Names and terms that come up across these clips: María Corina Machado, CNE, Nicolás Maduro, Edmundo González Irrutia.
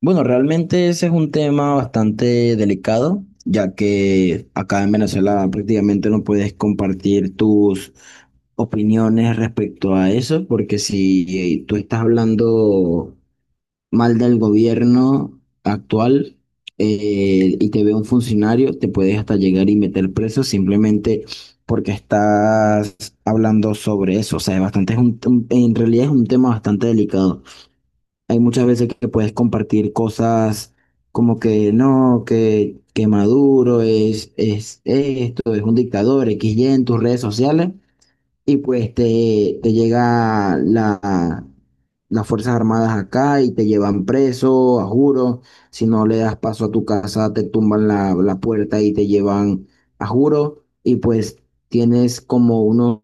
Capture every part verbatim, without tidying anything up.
Bueno, realmente ese es un tema bastante delicado, ya que acá en Venezuela prácticamente no puedes compartir tus opiniones respecto a eso, porque si eh, tú estás hablando mal del gobierno actual eh, y te ve un funcionario, te puedes hasta llegar y meter preso simplemente porque estás hablando sobre eso. O sea, es bastante, es un- un- en realidad es un tema bastante delicado. Hay muchas veces que puedes compartir cosas como que no, que, que Maduro es, es esto, es un dictador, X Y en tus redes sociales, y pues te, te llega la, las Fuerzas Armadas acá y te llevan preso, a juro. Si no le das paso a tu casa, te tumban la, la puerta y te llevan a juro. Y pues tienes como unos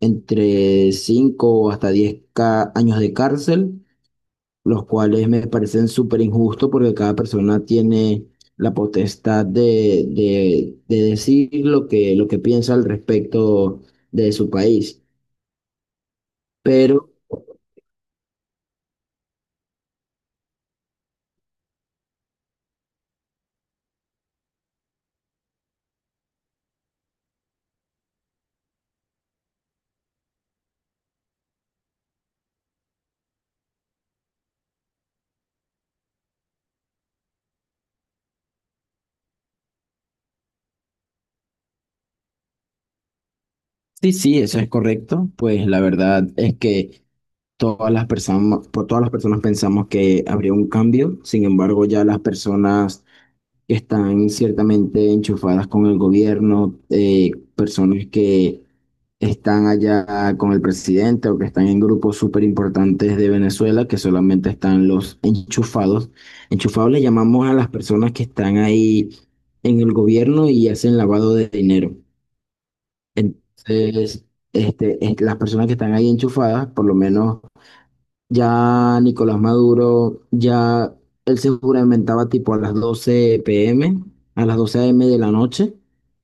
entre cinco hasta diez ca- años de cárcel, los cuales me parecen súper injustos porque cada persona tiene la potestad de, de, de decir lo que, lo que piensa al respecto de su país. Pero sí, sí, eso es correcto. Pues la verdad es que todas las personas, por todas las personas pensamos que habría un cambio. Sin embargo, ya las personas que están ciertamente enchufadas con el gobierno, eh, personas que están allá con el presidente o que están en grupos súper importantes de Venezuela, que solamente están los enchufados. Enchufados le llamamos a las personas que están ahí en el gobierno y hacen lavado de dinero. Entonces, este, es- las personas que están ahí enchufadas, por lo menos ya Nicolás Maduro, ya él se juramentaba tipo a las doce p m, a las doce a m de la noche,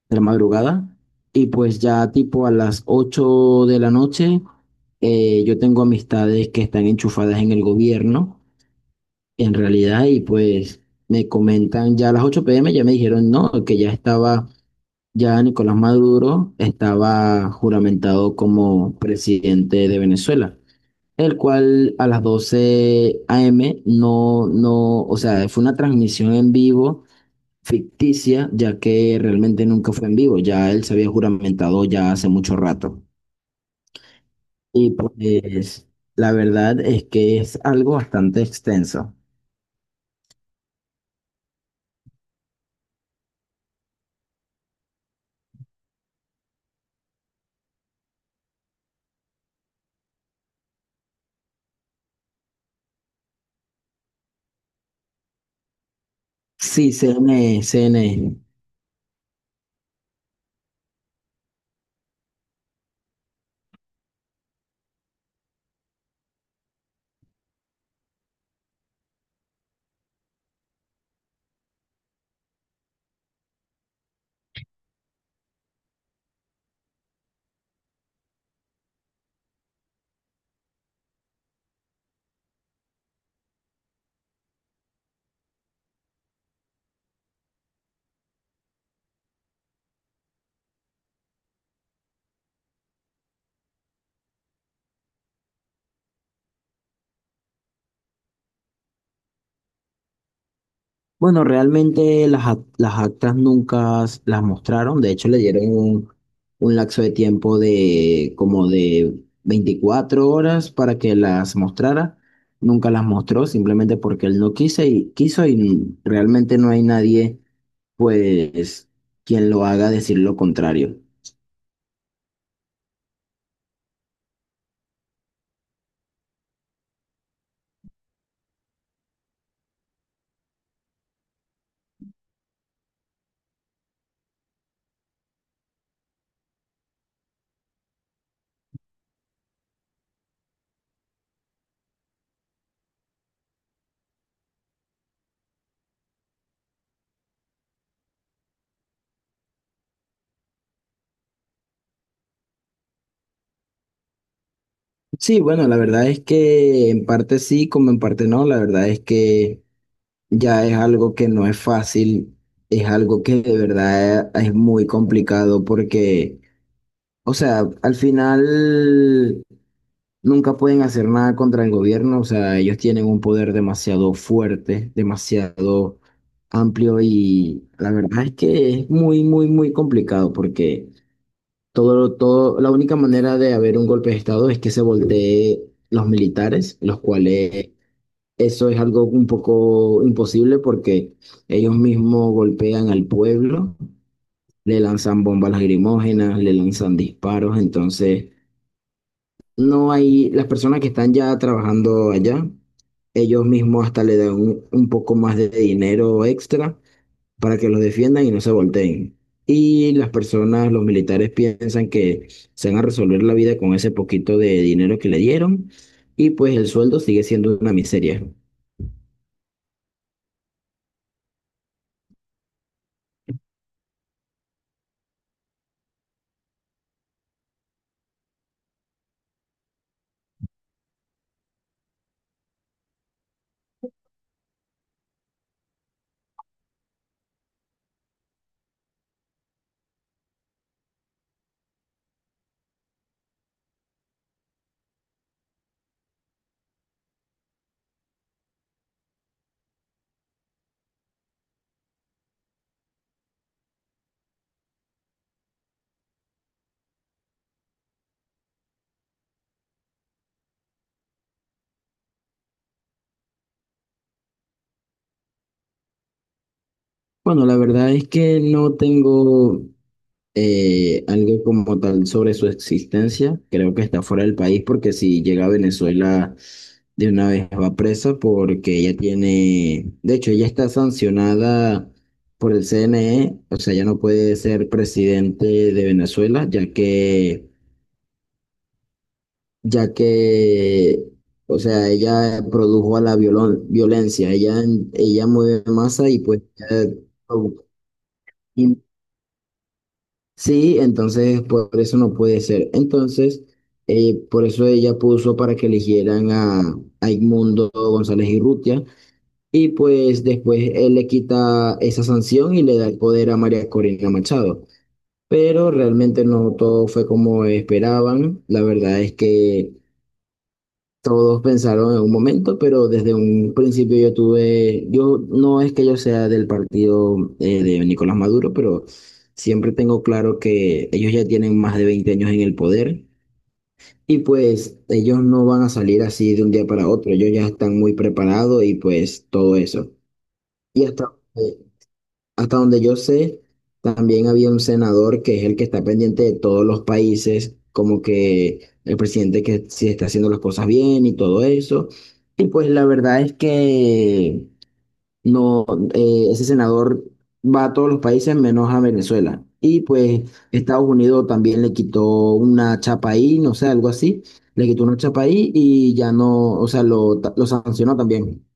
de la madrugada, y pues ya tipo a las ocho de la noche, eh, yo tengo amistades que están enchufadas en el gobierno, en realidad, y pues me comentan, ya a las ocho p m ya me dijeron, no, que ya estaba, ya Nicolás Maduro estaba juramentado como presidente de Venezuela, el cual a las doce a m no, no, o sea, fue una transmisión en vivo ficticia, ya que realmente nunca fue en vivo, ya él se había juramentado ya hace mucho rato. Y pues la verdad es que es algo bastante extenso. Sí, C N C N E, C N E. Bueno, realmente las, ac- las actas nunca s- las mostraron. De hecho, le dieron un, un lapso de tiempo de como de veinticuatro horas para que las mostrara, nunca las mostró simplemente porque él no quiso y, quiso y realmente no hay nadie pues quien lo haga decir lo contrario. Sí, bueno, la verdad es que en parte sí, como en parte no. La verdad es que ya es algo que no es fácil, es algo que de verdad es muy complicado porque, o sea, al final nunca pueden hacer nada contra el gobierno. O sea, ellos tienen un poder demasiado fuerte, demasiado amplio, y la verdad es que es muy, muy, muy complicado porque todo, todo, la única manera de haber un golpe de estado es que se voltee los militares, los cuales, eso es algo un poco imposible porque ellos mismos golpean al pueblo, le lanzan bombas lagrimógenas, le lanzan disparos. Entonces no hay, las personas que están ya trabajando allá, ellos mismos hasta le dan un, un poco más de dinero extra para que los defiendan y no se volteen. Y las personas, los militares, piensan que se van a resolver la vida con ese poquito de dinero que le dieron, y pues el sueldo sigue siendo una miseria. Bueno, la verdad es que no tengo eh, algo como tal sobre su existencia. Creo que está fuera del país porque si llega a Venezuela de una vez va presa, porque ella tiene, de hecho, ella está sancionada por el C N E. O sea, ella no puede ser presidente de Venezuela, ya que, ya que, o sea, ella produjo a la violon- violencia, ella, ella mueve masa y pues... eh, Sí, entonces por eso no puede ser. Entonces, eh, por eso ella puso para que eligieran a, a Edmundo González Irrutia, y pues después él le quita esa sanción y le da el poder a María Corina Machado. Pero realmente no todo fue como esperaban. La verdad es que todos pensaron en un momento, pero desde un principio yo tuve, yo, no es que yo sea del partido eh, de Nicolás Maduro, pero siempre tengo claro que ellos ya tienen más de veinte años en el poder, y pues ellos no van a salir así de un día para otro, ellos ya están muy preparados y pues todo eso. Y hasta, eh, hasta donde yo sé, también había un senador que es el que está pendiente de todos los países, como que el presidente, que si está haciendo las cosas bien y todo eso. Y pues la verdad es que no, eh, ese senador va a todos los países menos a Venezuela. Y pues Estados Unidos también le quitó una chapa ahí, no sé, algo así. Le quitó una chapa ahí y ya no, o sea, lo, lo sancionó también.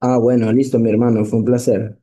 Ah, bueno, listo, mi hermano, fue un placer.